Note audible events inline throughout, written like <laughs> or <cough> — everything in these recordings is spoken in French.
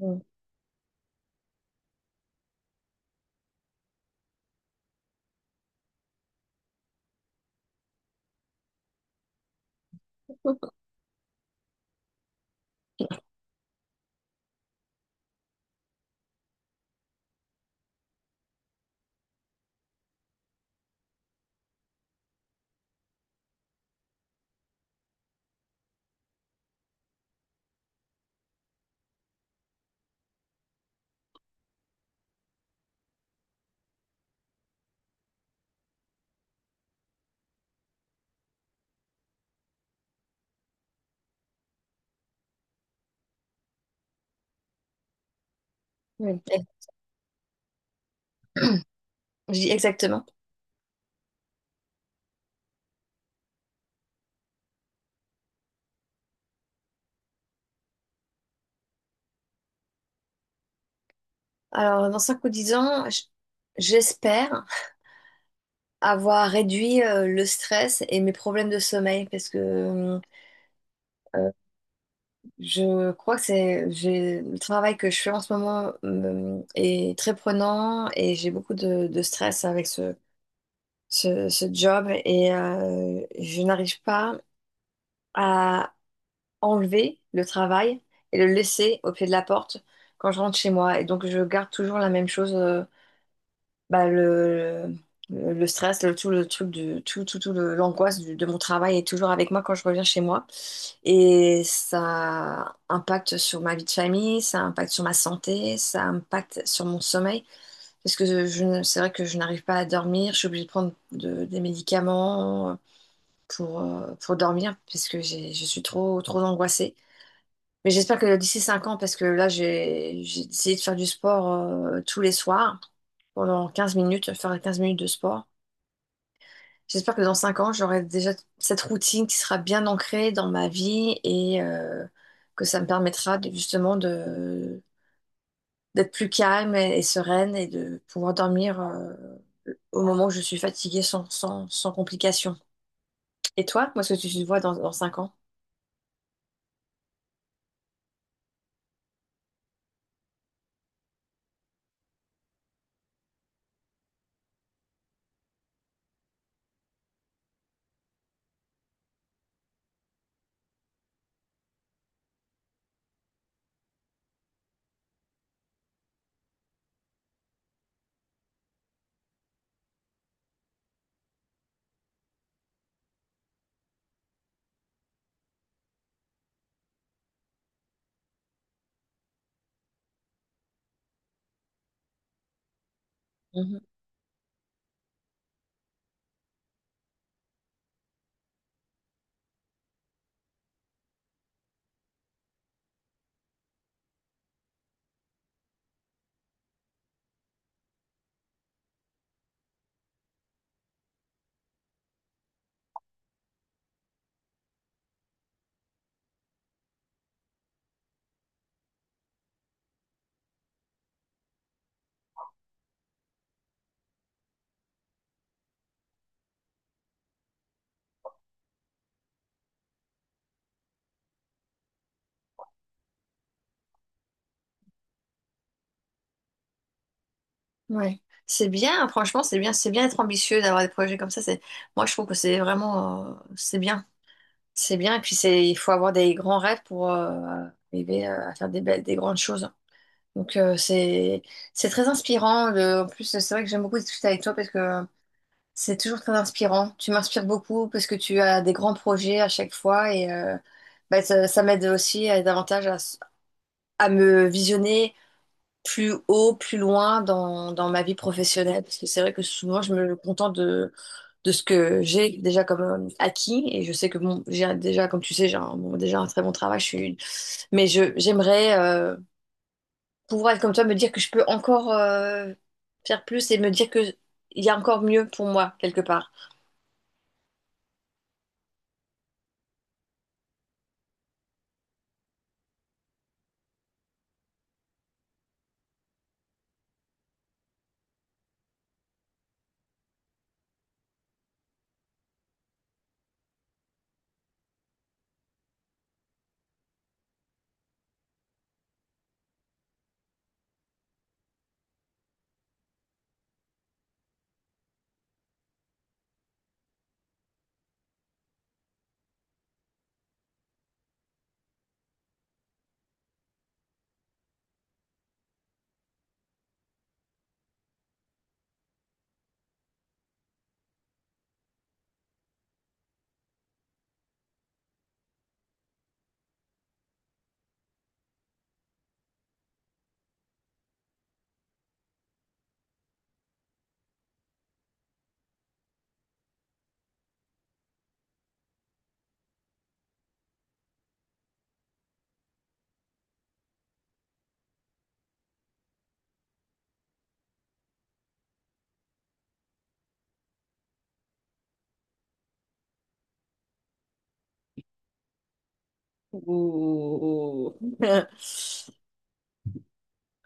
Mm. Mm. Je dis exactement. Alors, dans 5 ou 10 ans, j'espère avoir réduit le stress et mes problèmes de sommeil parce que euh, je crois que le travail que je fais en ce moment est très prenant et j'ai beaucoup de stress avec ce job et je n'arrive pas à enlever le travail et le laisser au pied de la porte quand je rentre chez moi. Et donc, je garde toujours la même chose. Bah, le stress, le, tout le truc du, tout, tout, tout le- l'angoisse de mon travail est toujours avec moi quand je reviens chez moi. Et ça impacte sur ma vie de famille, ça impacte sur ma santé, ça impacte sur mon sommeil. Parce que je ne- c'est vrai que je n'arrive pas à dormir, je suis obligée de prendre des médicaments pour dormir, parce que je suis trop, trop angoissée. Mais j'espère que d'ici 5 ans, parce que là, j'ai essayé de faire du sport tous les soirs pendant 15 minutes, faire 15 minutes de sport. J'espère que dans 5 ans, j'aurai déjà cette routine qui sera bien ancrée dans ma vie et que ça me permettra justement de d'être plus calme et sereine et de pouvoir dormir au moment où je suis fatiguée sans, sans, sans complications. Et toi, comment est-ce que tu te vois dans, dans 5 ans? Ouais. C'est bien, hein, franchement, c'est bien d'être ambitieux, d'avoir des projets comme ça. C'est, moi, je trouve que c'est vraiment, c'est bien, c'est bien. Et puis c'est, il faut avoir des grands rêves pour arriver à faire des belles, des grandes choses. Donc c'est très inspirant. En plus, c'est vrai que j'aime beaucoup discuter avec toi parce que c'est toujours très inspirant. Tu m'inspires beaucoup parce que tu as des grands projets à chaque fois et bah, ça m'aide aussi davantage à, à me visionner plus haut, plus loin dans, dans ma vie professionnelle. Parce que c'est vrai que souvent, je me contente de ce que j'ai déjà comme acquis. Et je sais que bon, j'ai déjà, comme tu sais, j'ai un, bon, déjà un très bon travail. Mais je, j'aimerais pouvoir être comme toi, me dire que je peux encore faire plus et me dire que il y a encore mieux pour moi, quelque part. Ouh. <laughs>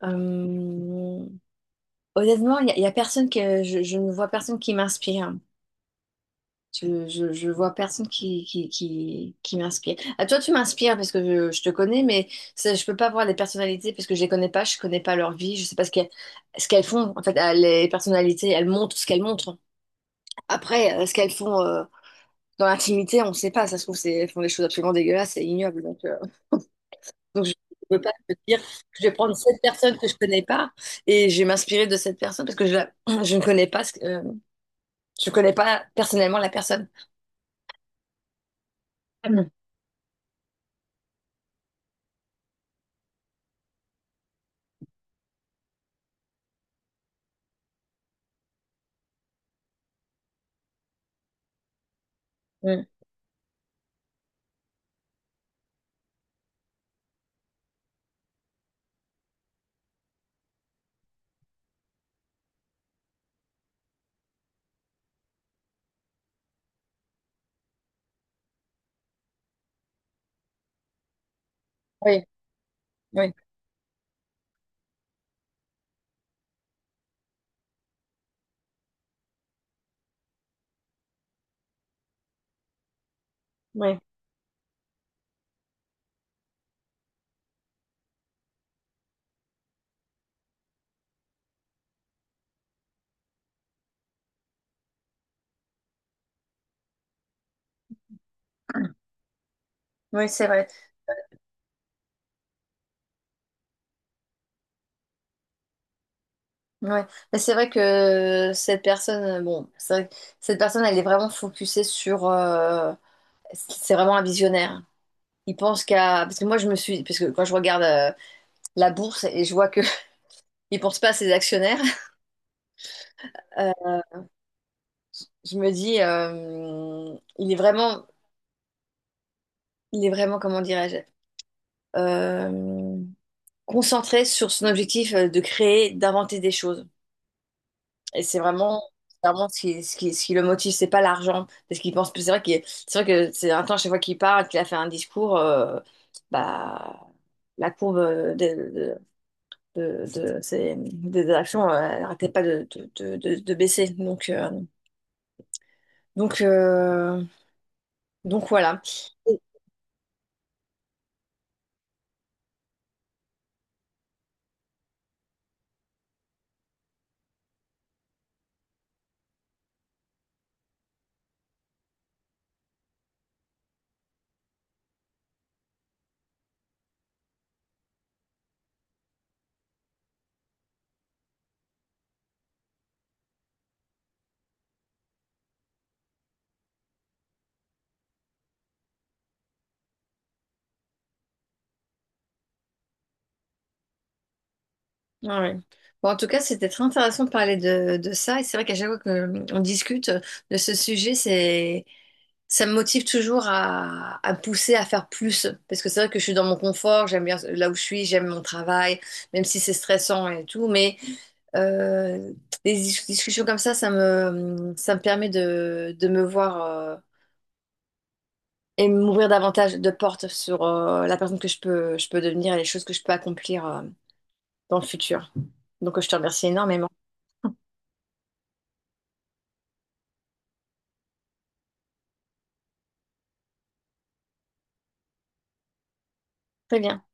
Euh, honnêtement, il y a personne que je ne vois personne qui m'inspire. Je vois personne qui m'inspire. À toi, tu m'inspires parce que je te connais, mais ça, je peux pas voir les personnalités parce que je les connais pas, je connais pas leur vie, je sais pas ce qu'elles ce qu'elles font. En fait, les personnalités, elles montrent ce qu'elles montrent. Après, ce qu'elles font dans l'intimité, on sait pas. Ça se trouve, c'est, elles font des choses absolument dégueulasses et ignobles. Donc je ne peux pas te dire que je vais prendre cette personne que je connais pas et je vais m'inspirer de cette personne parce que je, <clears throat> je ne connais pas, je connais pas personnellement la personne. Mhm. Mhm. Oui, oui, oui. Oui, c'est vrai. Ouais. Mais c'est vrai que cette personne, bon, c'est vrai que cette personne, elle est vraiment focusée sur. C'est vraiment un visionnaire. Il pense qu'à. Parce que moi, je me suis. Parce que quand je regarde la bourse et je vois que <laughs> il pense pas à ses actionnaires, euh, je me dis, il est vraiment. Il est vraiment, comment dirais-je, euh, concentré sur son objectif de créer, d'inventer des choses. Et c'est vraiment ce qui, ce qui, ce qui le motive, c'est pas l'argent. Parce qu'il pense. C'est vrai que c'est vrai que c'est un temps, chaque fois qu'il parle, qu'il a fait un discours, bah, la courbe de, de, de des actions elle n'arrêtait pas de baisser. Donc, euh, donc voilà. Ah ouais. Bon, en tout cas, c'était très intéressant de parler de ça. Et c'est vrai qu'à chaque fois qu'on discute de ce sujet, c'est ça me motive toujours à me pousser à faire plus. Parce que c'est vrai que je suis dans mon confort, j'aime bien là où je suis, j'aime mon travail, même si c'est stressant et tout. Mais euh, des discussions comme ça, ça me permet de me voir et m'ouvrir davantage de portes sur la personne que je peux devenir et les choses que je peux accomplir dans le futur. Donc, je te remercie énormément. <laughs> Très bien.